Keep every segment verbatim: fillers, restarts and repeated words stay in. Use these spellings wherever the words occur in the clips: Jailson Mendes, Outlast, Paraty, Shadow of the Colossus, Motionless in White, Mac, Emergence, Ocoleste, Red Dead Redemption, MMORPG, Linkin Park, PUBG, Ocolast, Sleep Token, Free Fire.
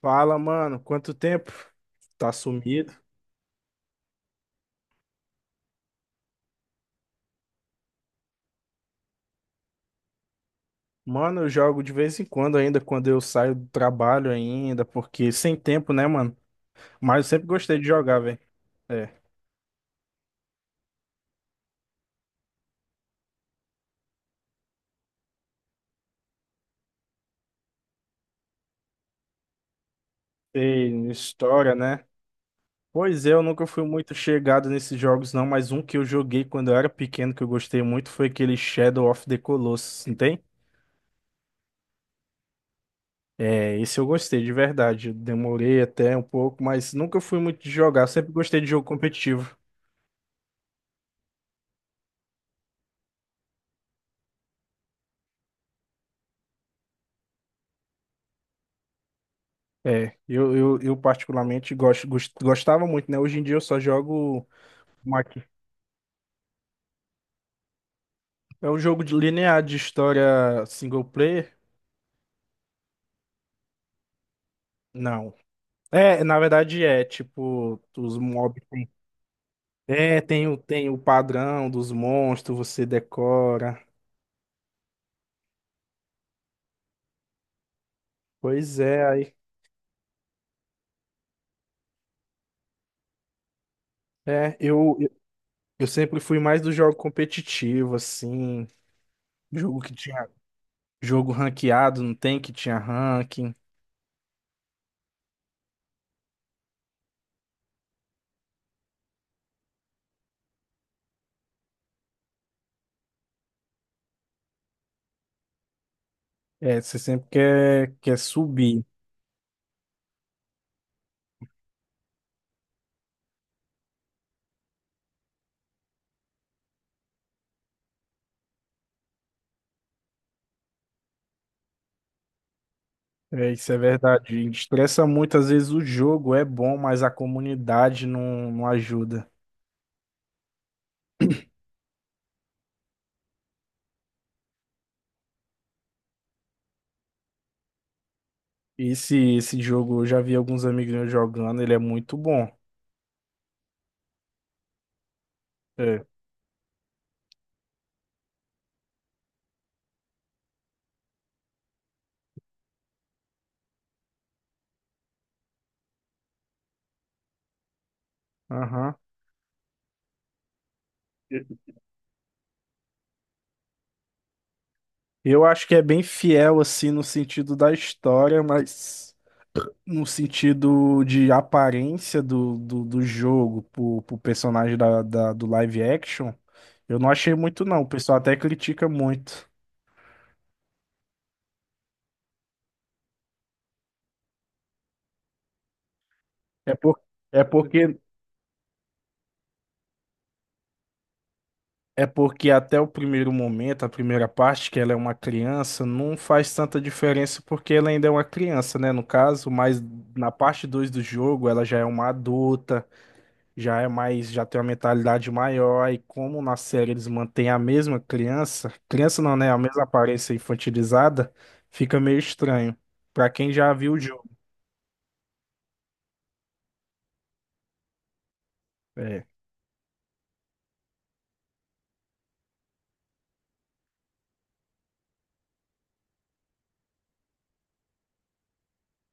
Fala, mano, quanto tempo? Tá sumido? Mano, eu jogo de vez em quando ainda, quando eu saio do trabalho ainda, porque sem tempo, né, mano? Mas eu sempre gostei de jogar, velho. É. Tem história, né? Pois é, eu nunca fui muito chegado nesses jogos, não, mas um que eu joguei quando eu era pequeno, que eu gostei muito, foi aquele Shadow of the Colossus, não tem? É, esse eu gostei, de verdade. Eu demorei até um pouco, mas nunca fui muito de jogar, sempre gostei de jogo competitivo. É, eu, eu, eu particularmente gosto, gos- gostava muito, né? Hoje em dia eu só jogo Mac. É um jogo de linear de história single player? Não. É, na verdade é, tipo, os mobs tem. É, tem o, tem o padrão dos monstros, você decora. Pois é, aí. É, eu, eu eu sempre fui mais do jogo competitivo, assim. Jogo que tinha. Jogo ranqueado, não tem que tinha ranking. É, você sempre quer, quer subir. É, isso é verdade. Estressa muito, às vezes o jogo é bom, mas a comunidade não, não ajuda. Esse, esse jogo, eu já vi alguns amigos meus jogando, ele é muito bom. É. Aham. Eu acho que é bem fiel, assim, no sentido da história, mas no sentido de aparência do, do, do jogo pro, pro personagem da, da- do live action, eu não achei muito, não. O pessoal até critica muito. É, por, é porque É porque até o primeiro momento, a primeira parte, que ela é uma criança, não faz tanta diferença porque ela ainda é uma criança, né? No caso, mas na parte dois do jogo, ela já é uma adulta, já é mais, já tem uma mentalidade maior, e como na série eles mantêm a mesma criança, criança não, né? A mesma aparência infantilizada, fica meio estranho. Pra quem já viu o jogo. É,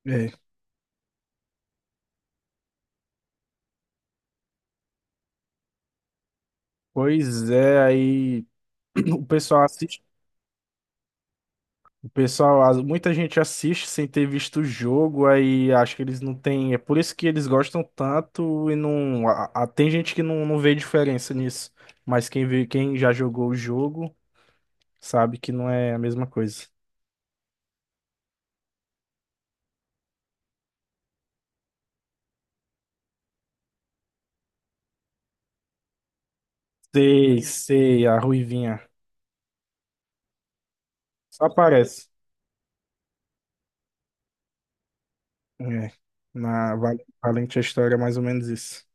é. Pois é, aí o pessoal assiste. Pessoal, as- muita gente assiste sem ter visto o jogo, aí acho que eles não têm. É por isso que eles gostam tanto e não. A- a- tem gente que não, não vê diferença nisso. Mas quem vê, quem já jogou o jogo sabe que não é a mesma coisa. Sei, sei, a Ruivinha. Só aparece. É. Na Val- Valente a história é mais ou menos isso.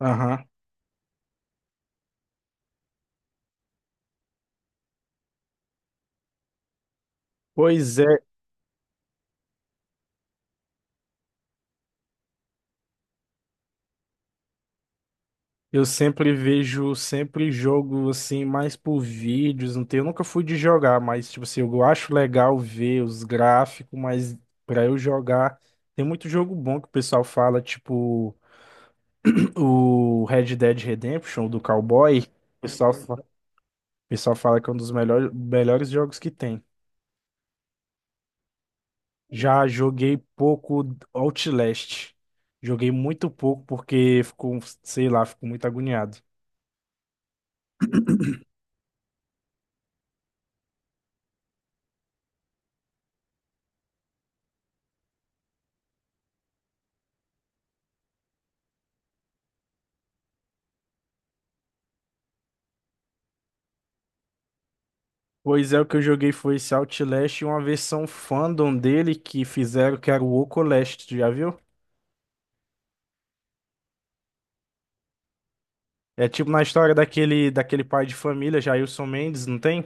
Aham. Pois é. Eu sempre vejo, sempre jogo assim, mais por vídeos, não tem, eu nunca fui de jogar, mas tipo assim, eu acho legal ver os gráficos, mas pra eu jogar, tem muito jogo bom que o pessoal fala, tipo o Red Dead Redemption do Cowboy, o pessoal, fa- o pessoal fala que é um dos melhores, melhores jogos que tem. Já joguei pouco Outlast, joguei muito pouco porque ficou, sei lá, fico muito agoniado. Pois é, o que eu joguei foi esse Outlast e uma versão fandom dele que fizeram que era o Ocolast, tu já viu? É tipo na história daquele, daquele pai de família, Jailson Mendes, não tem?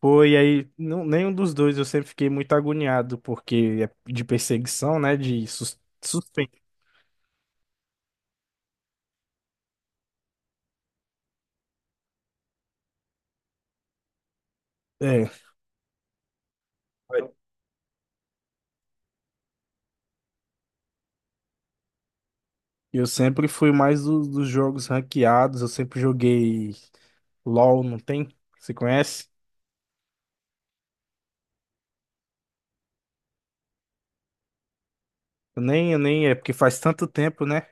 Foi aí, não, nenhum dos dois eu sempre fiquei muito agoniado, porque é de perseguição, né? De sus, suspense. É, eu sempre fui mais do- dos jogos ranqueados, eu sempre joguei LOL, não tem? Você conhece? Eu nem, eu nem, é porque faz tanto tempo, né?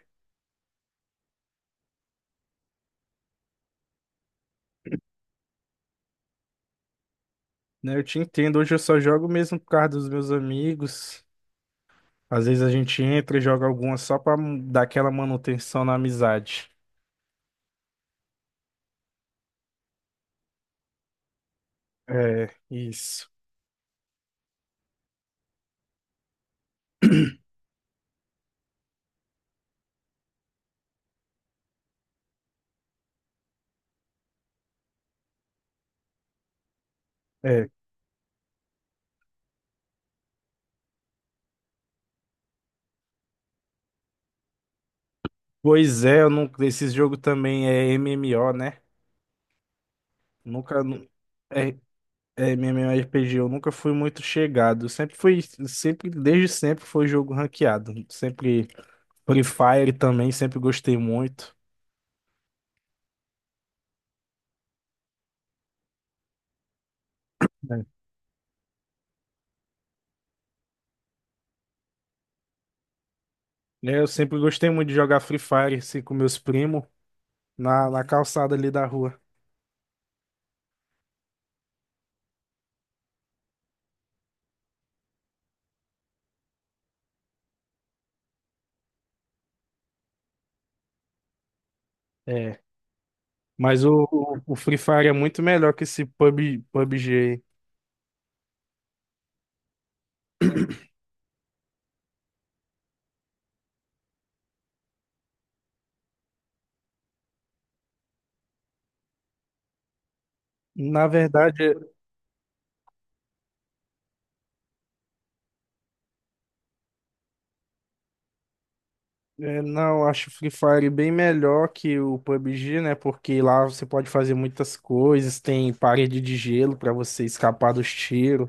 Né, eu te entendo. Hoje eu só jogo mesmo por causa dos meus amigos. Às vezes a gente entra e joga alguma só pra dar aquela manutenção na amizade. É, isso. É. Pois é, eu nunca, esse jogo também é M M O, né? Nunca. Nu- É, é M M O R P G, eu nunca fui muito chegado. Sempre fui, sempre, desde sempre foi jogo ranqueado. Sempre Free Fire também, sempre gostei muito. Né? Eu sempre gostei muito de jogar Free Fire assim, com meus primos na, na calçada ali da rua. É, mas o, o o Free Fire é muito melhor que esse P U B, P U B G. Aí. Na verdade, é, é, não, eu acho o Free Fire bem melhor que o P U B G, né? Porque lá você pode fazer muitas coisas, tem parede de gelo pra você escapar dos tiros.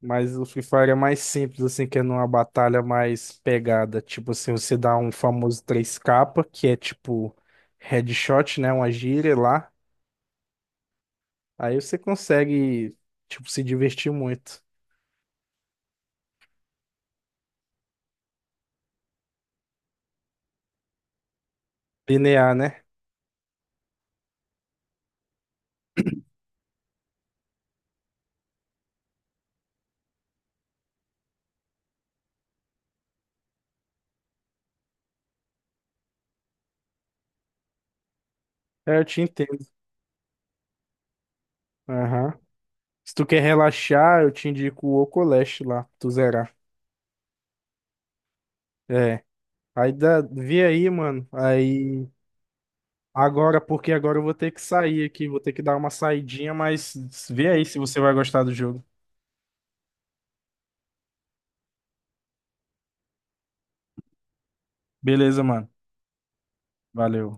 Mas o Free Fire é mais simples, assim, que é numa batalha mais pegada. Tipo assim, você dá um famoso três k que é tipo headshot, né? Uma gíria lá. Aí você consegue, tipo, se divertir muito. Linear, né? É, eu te entendo. Aham. Se tu quer relaxar, eu te indico o Ocoleste lá, tu zerar. É. Aí dá, vê aí, mano. Aí agora, porque agora eu vou ter que sair aqui, vou ter que dar uma saidinha, mas vê aí se você vai gostar do jogo. Beleza, mano. Valeu.